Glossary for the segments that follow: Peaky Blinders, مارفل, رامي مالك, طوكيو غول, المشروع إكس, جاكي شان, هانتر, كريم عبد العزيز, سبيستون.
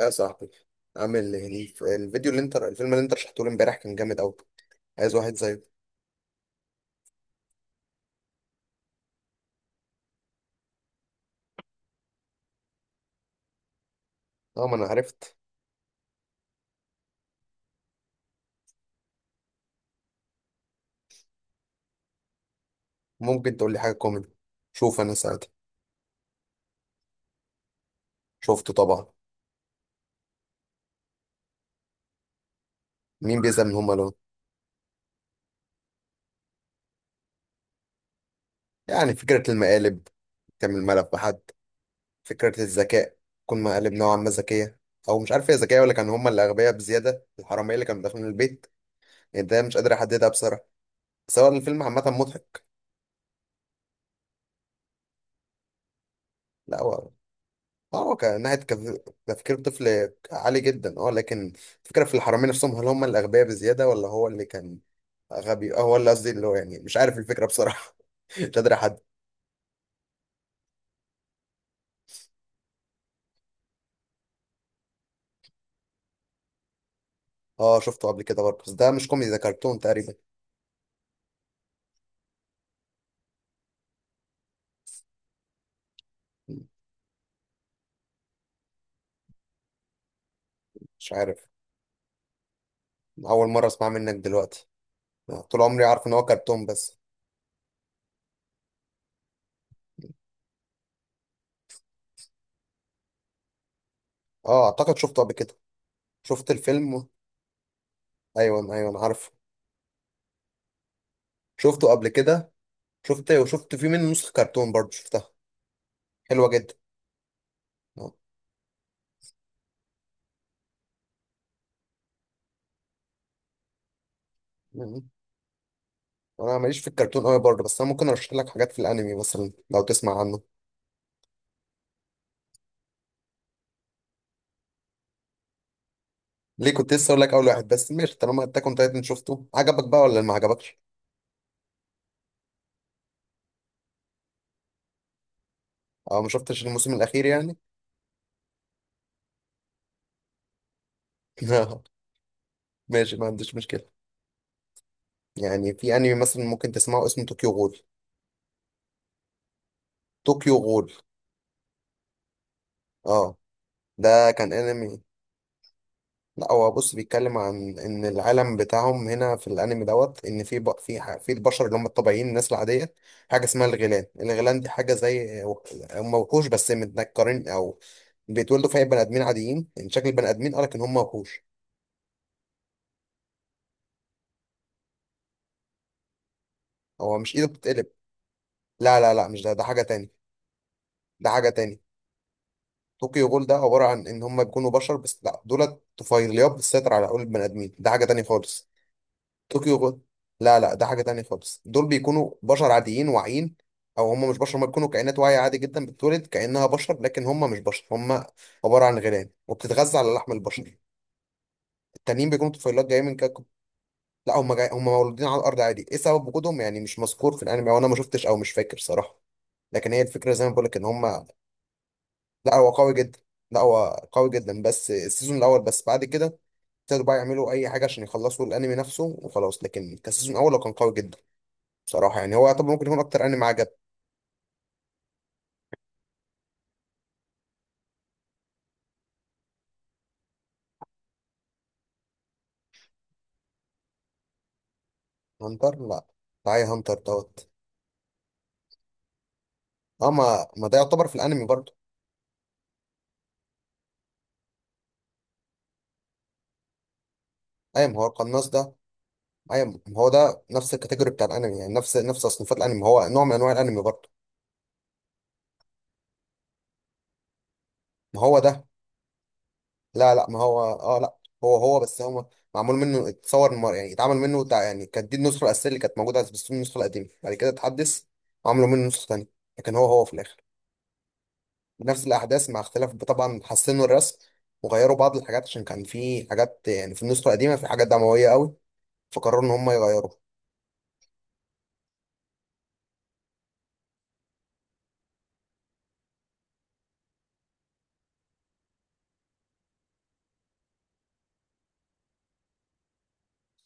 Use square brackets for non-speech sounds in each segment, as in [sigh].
يا صاحبي، عامل ايه؟ الف- الفيديو اللي انت الفيلم اللي انت رشحته لي امبارح كان جامد قوي. عايز واحد زيه. اه، ما انا عرفت. ممكن تقول لي حاجه كوميدي؟ شوف انا ساعتها. شفته طبعا. مين بيزهق من هما لون؟ يعني فكره المقالب. تعمل ملف بحد. فكره الذكاء. تكون مقالب نوعا ما ذكيه. او مش عارف هي ذكيه ولا كان هما اللي اغبياء بزياده، الحراميه اللي كانوا داخلين البيت. يعني ده مش قادر احددها بصراحه. بس هو الفيلم عامه مضحك. لا هو. اه هو كان ناحية تفكير طفل عالي جدا، اه لكن الفكرة في الحرامية نفسهم، هل هم الأغبياء بزيادة ولا هو اللي كان غبي. اه هو اللي قصدي اللي هو يعني مش عارف الفكرة بصراحة. [laughs] مش قادر أحد. اه شفته قبل كده برضه، بس ده مش كوميدي، ده كرتون تقريبا. مش عارف. أول مرة أسمع منك دلوقتي. آه، طول عمري عارف إن هو كرتون بس. اه، أعتقد شفته قبل كده. شفت الفيلم. أيوه، أيوه، أنا عارفه. شفته قبل كده. شفت وشفت فيه منه نسخة كرتون برضه شفتها. حلوة جدا. اه. انا ماليش في الكرتون قوي برضه، بس انا ممكن ارشح لك حاجات في الانمي مثلا لو تسمع عنه. ليه، كنت لسه اقول لك اول واحد، بس ماشي، طالما اتاك اون تايتن شفته عجبك بقى ولا ما عجبكش؟ او ما شفتش الموسم الاخير يعني؟ [laughs] ماشي، ما عنديش مشكله. يعني في انمي مثلا ممكن تسمعه اسمه طوكيو غول. طوكيو غول، اه ده كان انمي. لا هو بص بيتكلم عن ان العالم بتاعهم هنا في الانمي دوت ان في ب... في ح- في البشر اللي هم الطبيعيين، الناس العاديه. حاجه اسمها الغيلان، الغيلان دي حاجه زي، هم وحوش بس متنكرين، او بيتولدوا في بني ادمين عاديين، ان شكل البني ادمين قالك ان هم وحوش. هو مش ايده بتتقلب. لا، لا، لا، مش ده، ده حاجه تاني. ده حاجه تاني. طوكيو جول ده عباره عن ان هم بيكونوا بشر، بس لا دولت طفيليات بتسيطر على عقول البني ادمين، ده حاجه تاني خالص. طوكيو غول. لا، لا، ده حاجة تانية خالص، دول بيكونوا بشر عاديين واعيين. او هم مش بشر، هم بيكونوا كائنات واعية عادي جدا، بتتولد كأنها بشر لكن هم مش بشر، هم عبارة عن غيران وبتتغذى على لحم البشر. التانيين بيكونوا طفيلات جايين من كوكب. لا، هم هم مولودين على الارض عادي، ايه سبب وجودهم يعني مش مذكور في الانمي، او انا ما شفتش، او مش فاكر صراحة. لكن هي الفكرة زي ما بقول لك ان هم. لا هو قوي جدا. لا هو قوي جدا بس السيزون الاول، بس بعد كده ابتدوا بقى يعملوا اي حاجة عشان يخلصوا الانمي نفسه وخلاص، لكن كان السيزون الاول هو كان قوي جدا. بصراحة يعني هو يعتبر ممكن يكون أكتر أنمي عجب. هانتر لا. تعالى هانتر دوت. أه، ما ده يعتبر في الأنمي برضه. أيوة ما هو القناص ده. أيوة، ما هو ده نفس الكاتيجوري بتاع الأنمي، يعني نفس تصنيفات الأنمي، ما هو نوع من أنواع الأنمي برضه. ما هو ده. لا، لا، ما هو أه لا. هو هو، بس هو معمول منه يعني يعني كانت دي النسخة الأساسية اللي كانت موجودة على سبيستون، النسخة القديمة بعد كده اتحدث. وعملوا منه نسخة تانية. لكن هو هو في الآخر نفس الأحداث مع اختلاف، طبعا حسنوا الرسم وغيروا بعض الحاجات عشان كان في حاجات، يعني في النسخة القديمة في حاجات دموية قوي. فقرروا إن هم يغيروا.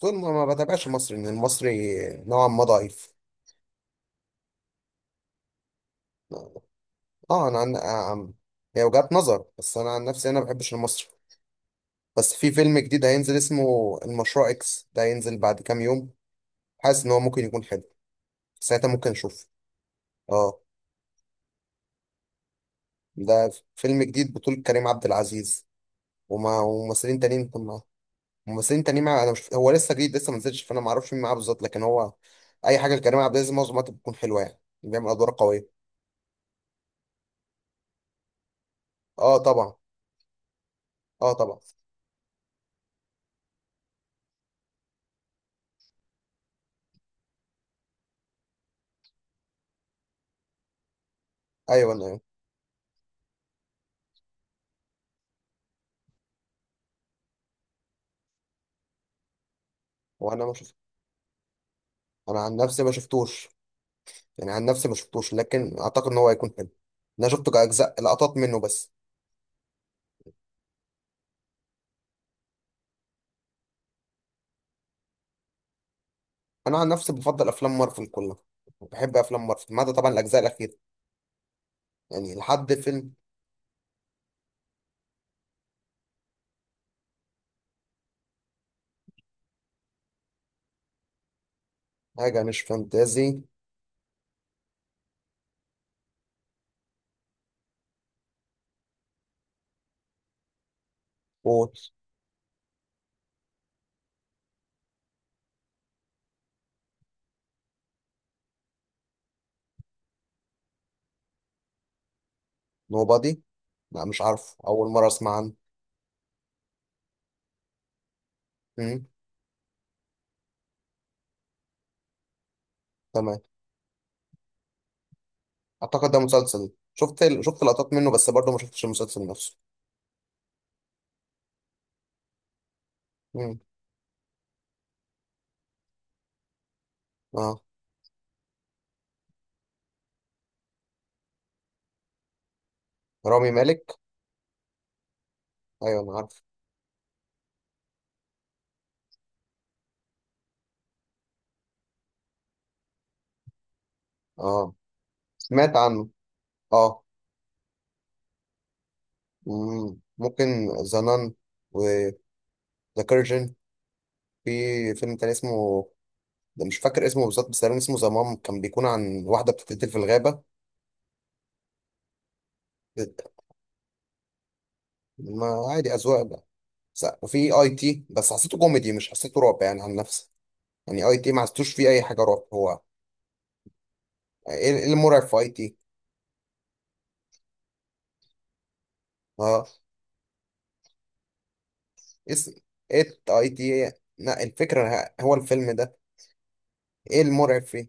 طول ما ما بتابعش المصري، إن المصري نوعا ما ضعيف. اه، أنا عن-. هي وجهات نظر، بس أنا عن نفسي أنا ما بحبش المصري. بس في فيلم جديد هينزل اسمه المشروع إكس، ده هينزل بعد كام يوم. حاسس إن هو ممكن يكون حلو. ساعتها ممكن أشوفه. اه، ده فيلم جديد بطولة كريم عبد العزيز وممثلين تانيين. بس انت ليه انا مش، هو لسه جديد، لسه ما نزلش، فانا ما اعرفش مين معاه بالظبط، لكن هو اي حاجه لكريم عبد العزيز معظم الوقت بتكون حلوه، يعني بيعمل ادوار قويه. اه طبعا. اه طبعا. ايوه، انا ايوه. وانا ما شفت. انا عن نفسي ما شفتوش. يعني عن نفسي ما شفتوش، لكن اعتقد ان هو هيكون حلو. انا شفته كاجزاء، لقطات منه بس. انا عن نفسي بفضل افلام مارفل كلها. بحب افلام مارفل ما عدا طبعا الاجزاء الاخيره. يعني لحد فيلم. حاجه مش فانتازي. وول. نوبادي. لا مش عارف، اول مره اسمع عنه. مم، تمام. اعتقد ده مسلسل، شفت لقطات منه بس برضه، ما شفتش المسلسل نفسه. مم. اه، رامي مالك. ايوه انا عارف. اه. سمعت عنه. اه. مم. ممكن. زنان. وذا. كيرجن. في فيلم تاني اسمه، ده مش فاكر اسمه بالظبط، بس تقريبا اسمه زمام، كان بيكون عن واحدة بتتقتل في الغابة. ما عادي، أذواق بقى. وفي اي تي بس حسيته كوميدي، مش حسيته رعب، يعني عن نفسي. يعني اي تي ما حسيتوش فيه اي حاجة رعب، هو ايه؟ إيه المرعب في اي تي؟ آه. اس. ات اي تي. لا، الفكرة هو الفيلم ده. ايه المرعب فيه؟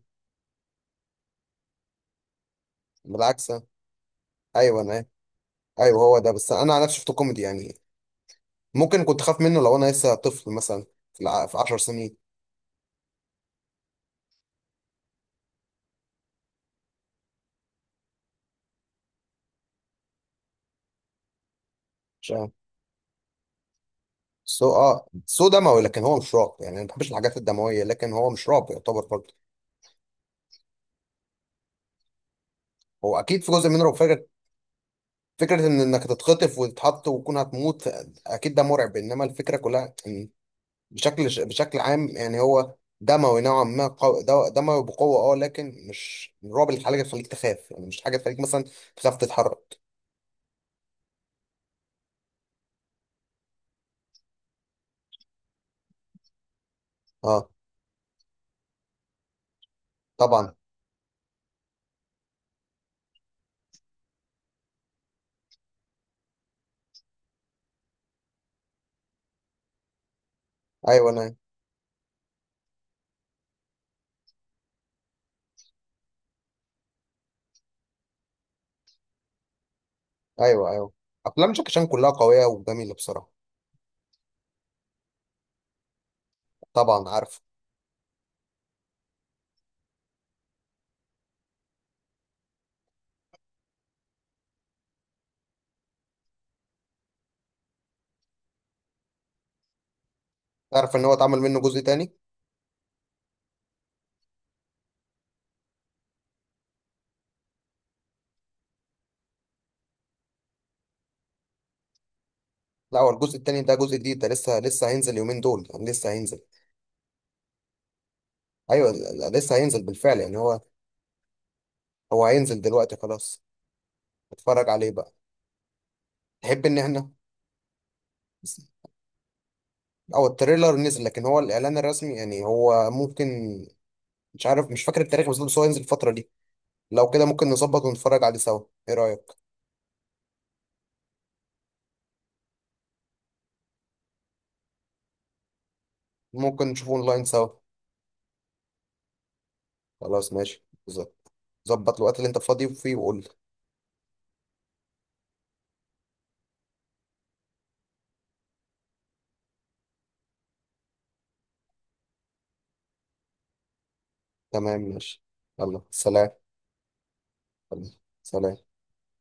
بالعكس. ايوه انا. ايوه هو ده، بس انا على نفسي شفته كوميدي يعني. ممكن كنت خاف منه لو انا لسه طفل مثلا، في 10 سنين. مش عارف. سو دموي، لكن هو مش رعب يعني، انا ما بحبش الحاجات الدمويه، لكن هو مش رعب يعتبر برضه. هو اكيد في جزء منه رعب، فكره، فكره ان انك تتخطف وتتحط وتكون هتموت، اكيد ده مرعب، انما الفكره كلها بشكل عام يعني هو دموي نوعا ما دموي بقوة، اه لكن مش الرعب اللي حاجة تخليك تخاف يعني، مش حاجة تخليك مثلا تخاف تتحرك. اه طبعا. ايوه، انا ايوه، ايوه. افلام جاكي شان كلها قوية وجميلة بصراحة. طبعا عارف. تعرف ان هو اتعمل منه جزء تاني؟ لا، هو الجزء التاني ده جزء جديد، ده لسه هينزل يومين دول، يعني لسه هينزل. ايوه، لا، لسه هينزل بالفعل يعني، هو هو هينزل دلوقتي خلاص. اتفرج عليه بقى. تحب ان احنا. او التريلر نزل، لكن هو الاعلان الرسمي يعني هو ممكن، مش عارف، مش فاكر التاريخ بالظبط، بس هو ينزل الفتره دي. لو كده ممكن نظبط ونتفرج عليه سوا. ايه رايك؟ ممكن نشوفه اونلاين سوا. خلاص ماشي بالظبط. ظبط الوقت اللي انت فاضي فيه وقول لي. تمام ماشي. يلا سلام. يلا، سلام.